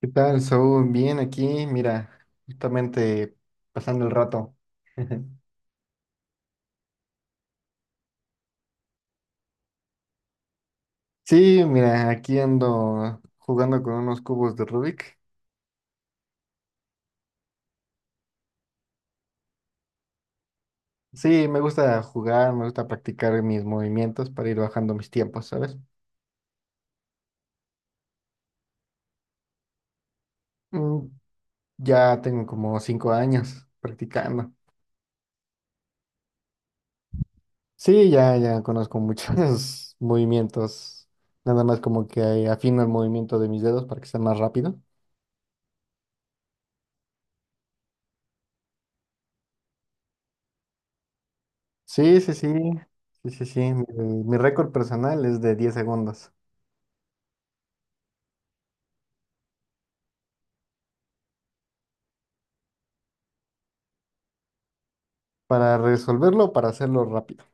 ¿Qué tal, Saúl? Bien aquí, mira, justamente pasando el rato. Sí, mira, aquí ando jugando con unos cubos de Rubik. Sí, me gusta jugar, me gusta practicar mis movimientos para ir bajando mis tiempos, ¿sabes? Mm, Ya tengo como 5 años practicando. Sí, ya, ya conozco muchos movimientos. Nada más como que afino el movimiento de mis dedos para que sea más rápido. Sí, sí, sí, sí, sí, sí. Mi récord personal es de 10 segundos. Para resolverlo, o para hacerlo rápido.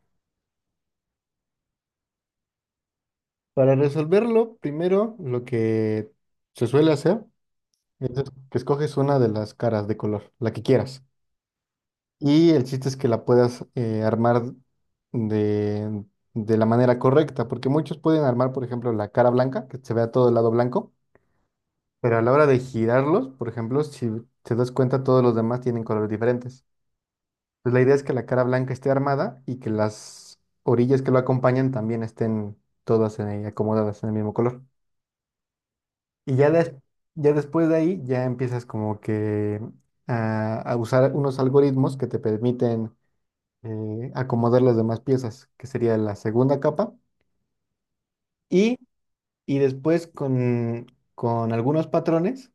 Para resolverlo, primero lo que se suele hacer es que escoges una de las caras de color, la que quieras. Y el chiste es que la puedas armar de, de la manera correcta, porque muchos pueden armar, por ejemplo, la cara blanca, que se vea todo el lado blanco, pero a la hora de girarlos, por ejemplo, si te das cuenta, todos los demás tienen colores diferentes. Pues la idea es que la cara blanca esté armada y que las orillas que lo acompañan también estén todas acomodadas en el mismo color. Y ya, ya después de ahí ya empiezas como que a usar unos algoritmos que te permiten acomodar las demás piezas, que sería la segunda capa. Y, y después con algunos patrones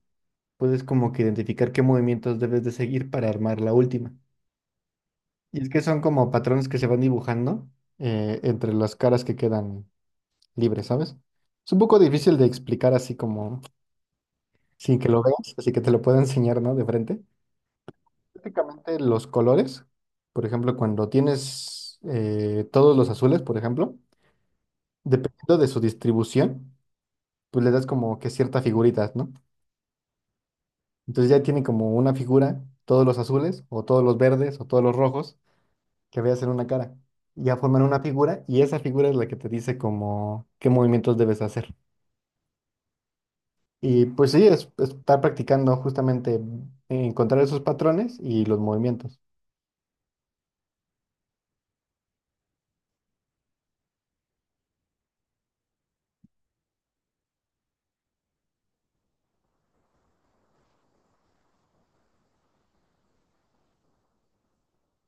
puedes como que identificar qué movimientos debes de seguir para armar la última. Y es que son como patrones que se van dibujando entre las caras que quedan libres, ¿sabes? Es un poco difícil de explicar así como sin que lo veas, así que te lo puedo enseñar, ¿no? De frente. Prácticamente los colores, por ejemplo, cuando tienes todos los azules, por ejemplo, dependiendo de su distribución, pues le das como que ciertas figuritas, ¿no? Entonces ya tiene como una figura todos los azules, o todos los verdes, o todos los rojos, que veas hacer una cara. Ya forman una figura y esa figura es la que te dice como qué movimientos debes hacer. Y pues sí, es estar practicando justamente encontrar esos patrones y los movimientos.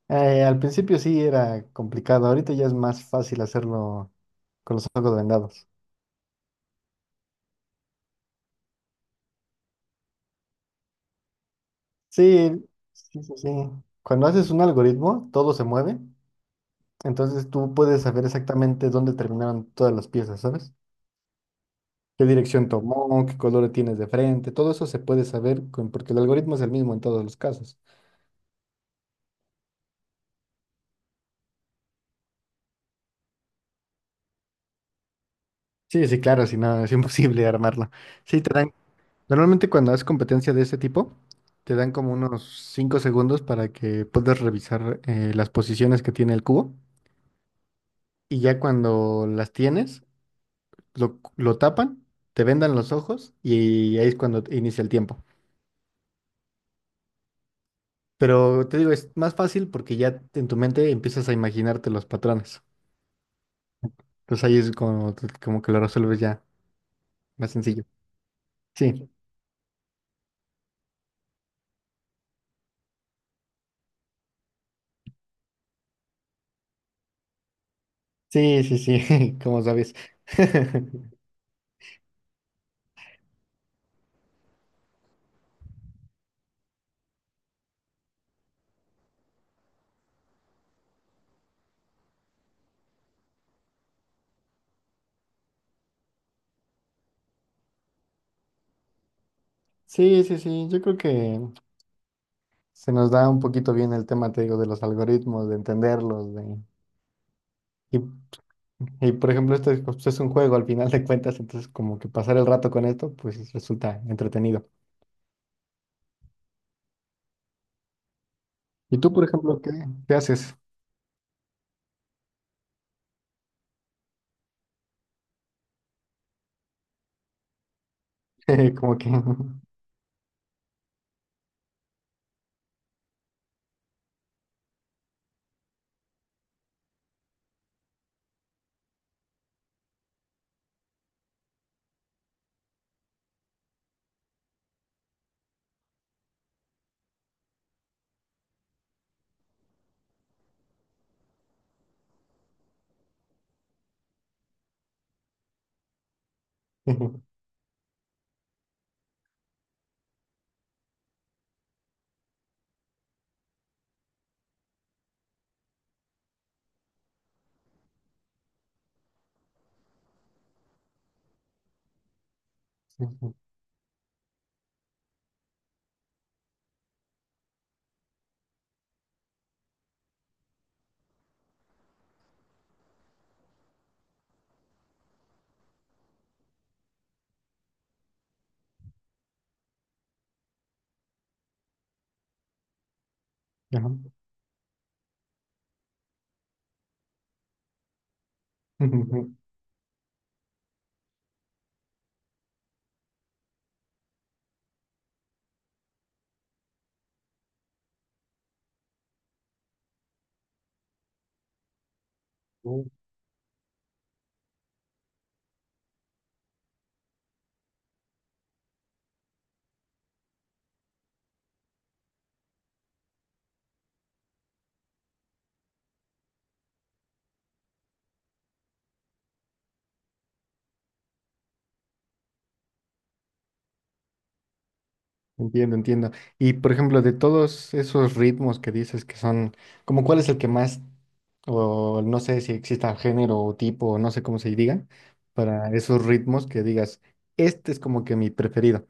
Al principio sí era complicado, ahorita ya es más fácil hacerlo con los ojos vendados. Sí, sí, sí, sí. Cuando haces un algoritmo, todo se mueve, entonces tú puedes saber exactamente dónde terminaron todas las piezas, ¿sabes? Qué dirección tomó, qué color tienes de frente, todo eso se puede porque el algoritmo es el mismo en todos los casos. Sí, sí, claro, si no, es imposible armarlo. Sí, te dan, normalmente cuando haces competencia de ese tipo, te dan como unos 5 segundos para que puedas revisar las posiciones que tiene el cubo y ya cuando las tienes, lo tapan, te vendan los ojos y ahí es cuando inicia el tiempo. Pero te digo, es más fácil porque ya en tu mente empiezas a imaginarte los patrones. Entonces ahí es como, como que lo resuelves ya, más sencillo. Sí, sí, sí, sí, como sabes. Sí, sí, sí, yo creo que se nos da un poquito bien el tema, te digo, de los algoritmos, de entenderlos, de... Y, por ejemplo, esto es, pues, es un juego al final de cuentas, entonces como que pasar el rato con esto, pues resulta entretenido. ¿Y tú, por ejemplo, qué haces? Como que... Ajá. Entiendo, entiendo. Y por ejemplo, de todos esos ritmos que dices que son, como cuál es el que más, o no sé si exista género o tipo, o no sé cómo se diga, para esos ritmos que digas, este es como que mi preferido.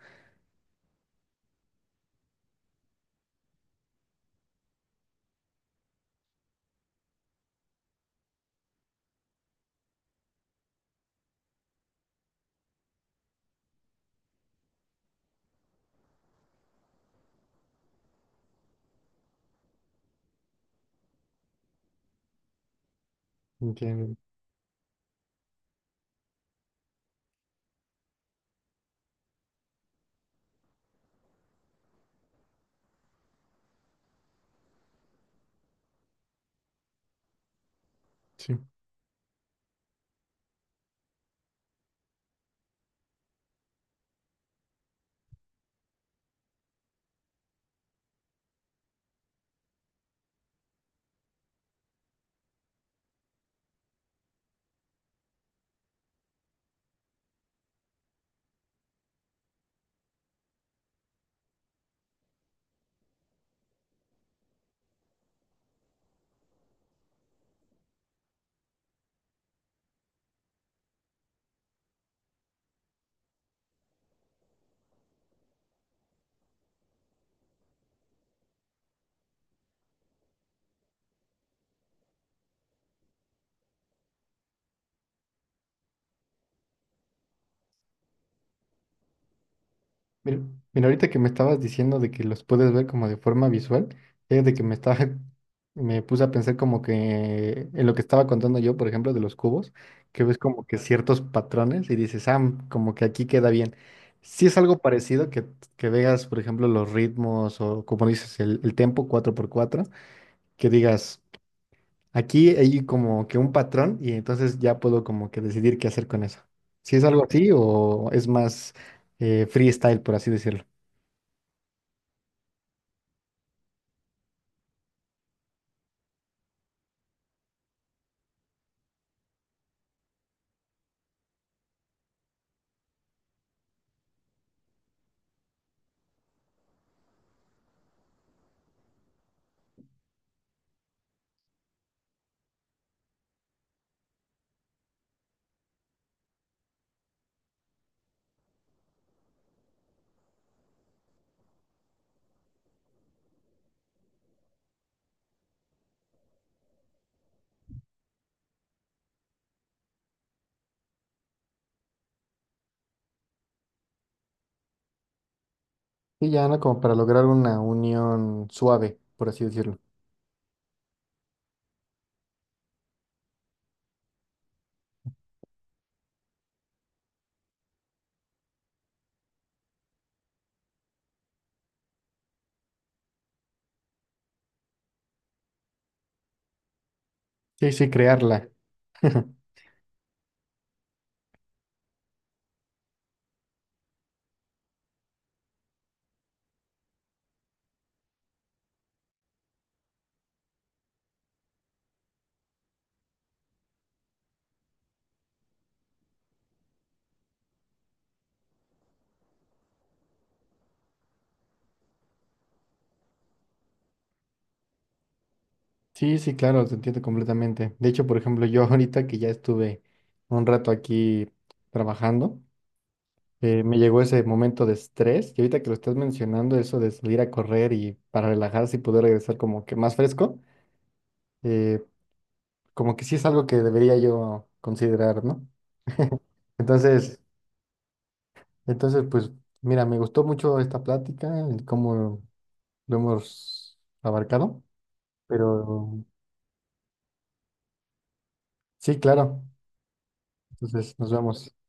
Entiendo. Sí. Mira, mira, ahorita que me estabas diciendo de que los puedes ver como de forma visual, es de que me estaba, me puse a pensar como que en lo que estaba contando yo, por ejemplo, de los cubos, que ves como que ciertos patrones y dices, ah, como que aquí queda bien. Si es algo parecido que veas, por ejemplo, los ritmos o como dices, el tempo 4/4 que digas, aquí hay como que un patrón y entonces ya puedo como que decidir qué hacer con eso. Si es algo así o es más freestyle, por así decirlo. Sí, ya, ¿no? Como para lograr una unión suave, por así decirlo. Sí, sí, crearla. Sí, sí, claro, te entiendo completamente. De hecho, por ejemplo, yo ahorita que ya estuve un rato aquí trabajando, me llegó ese momento de estrés y ahorita que lo estás mencionando, eso de salir a correr y para relajarse y poder regresar como que más fresco, eh, como que sí es algo que debería yo considerar, ¿no? Entonces, entonces, pues, mira, me gustó mucho esta plática, el cómo lo hemos abarcado. Pero sí, claro. Entonces, nos vemos. Bye.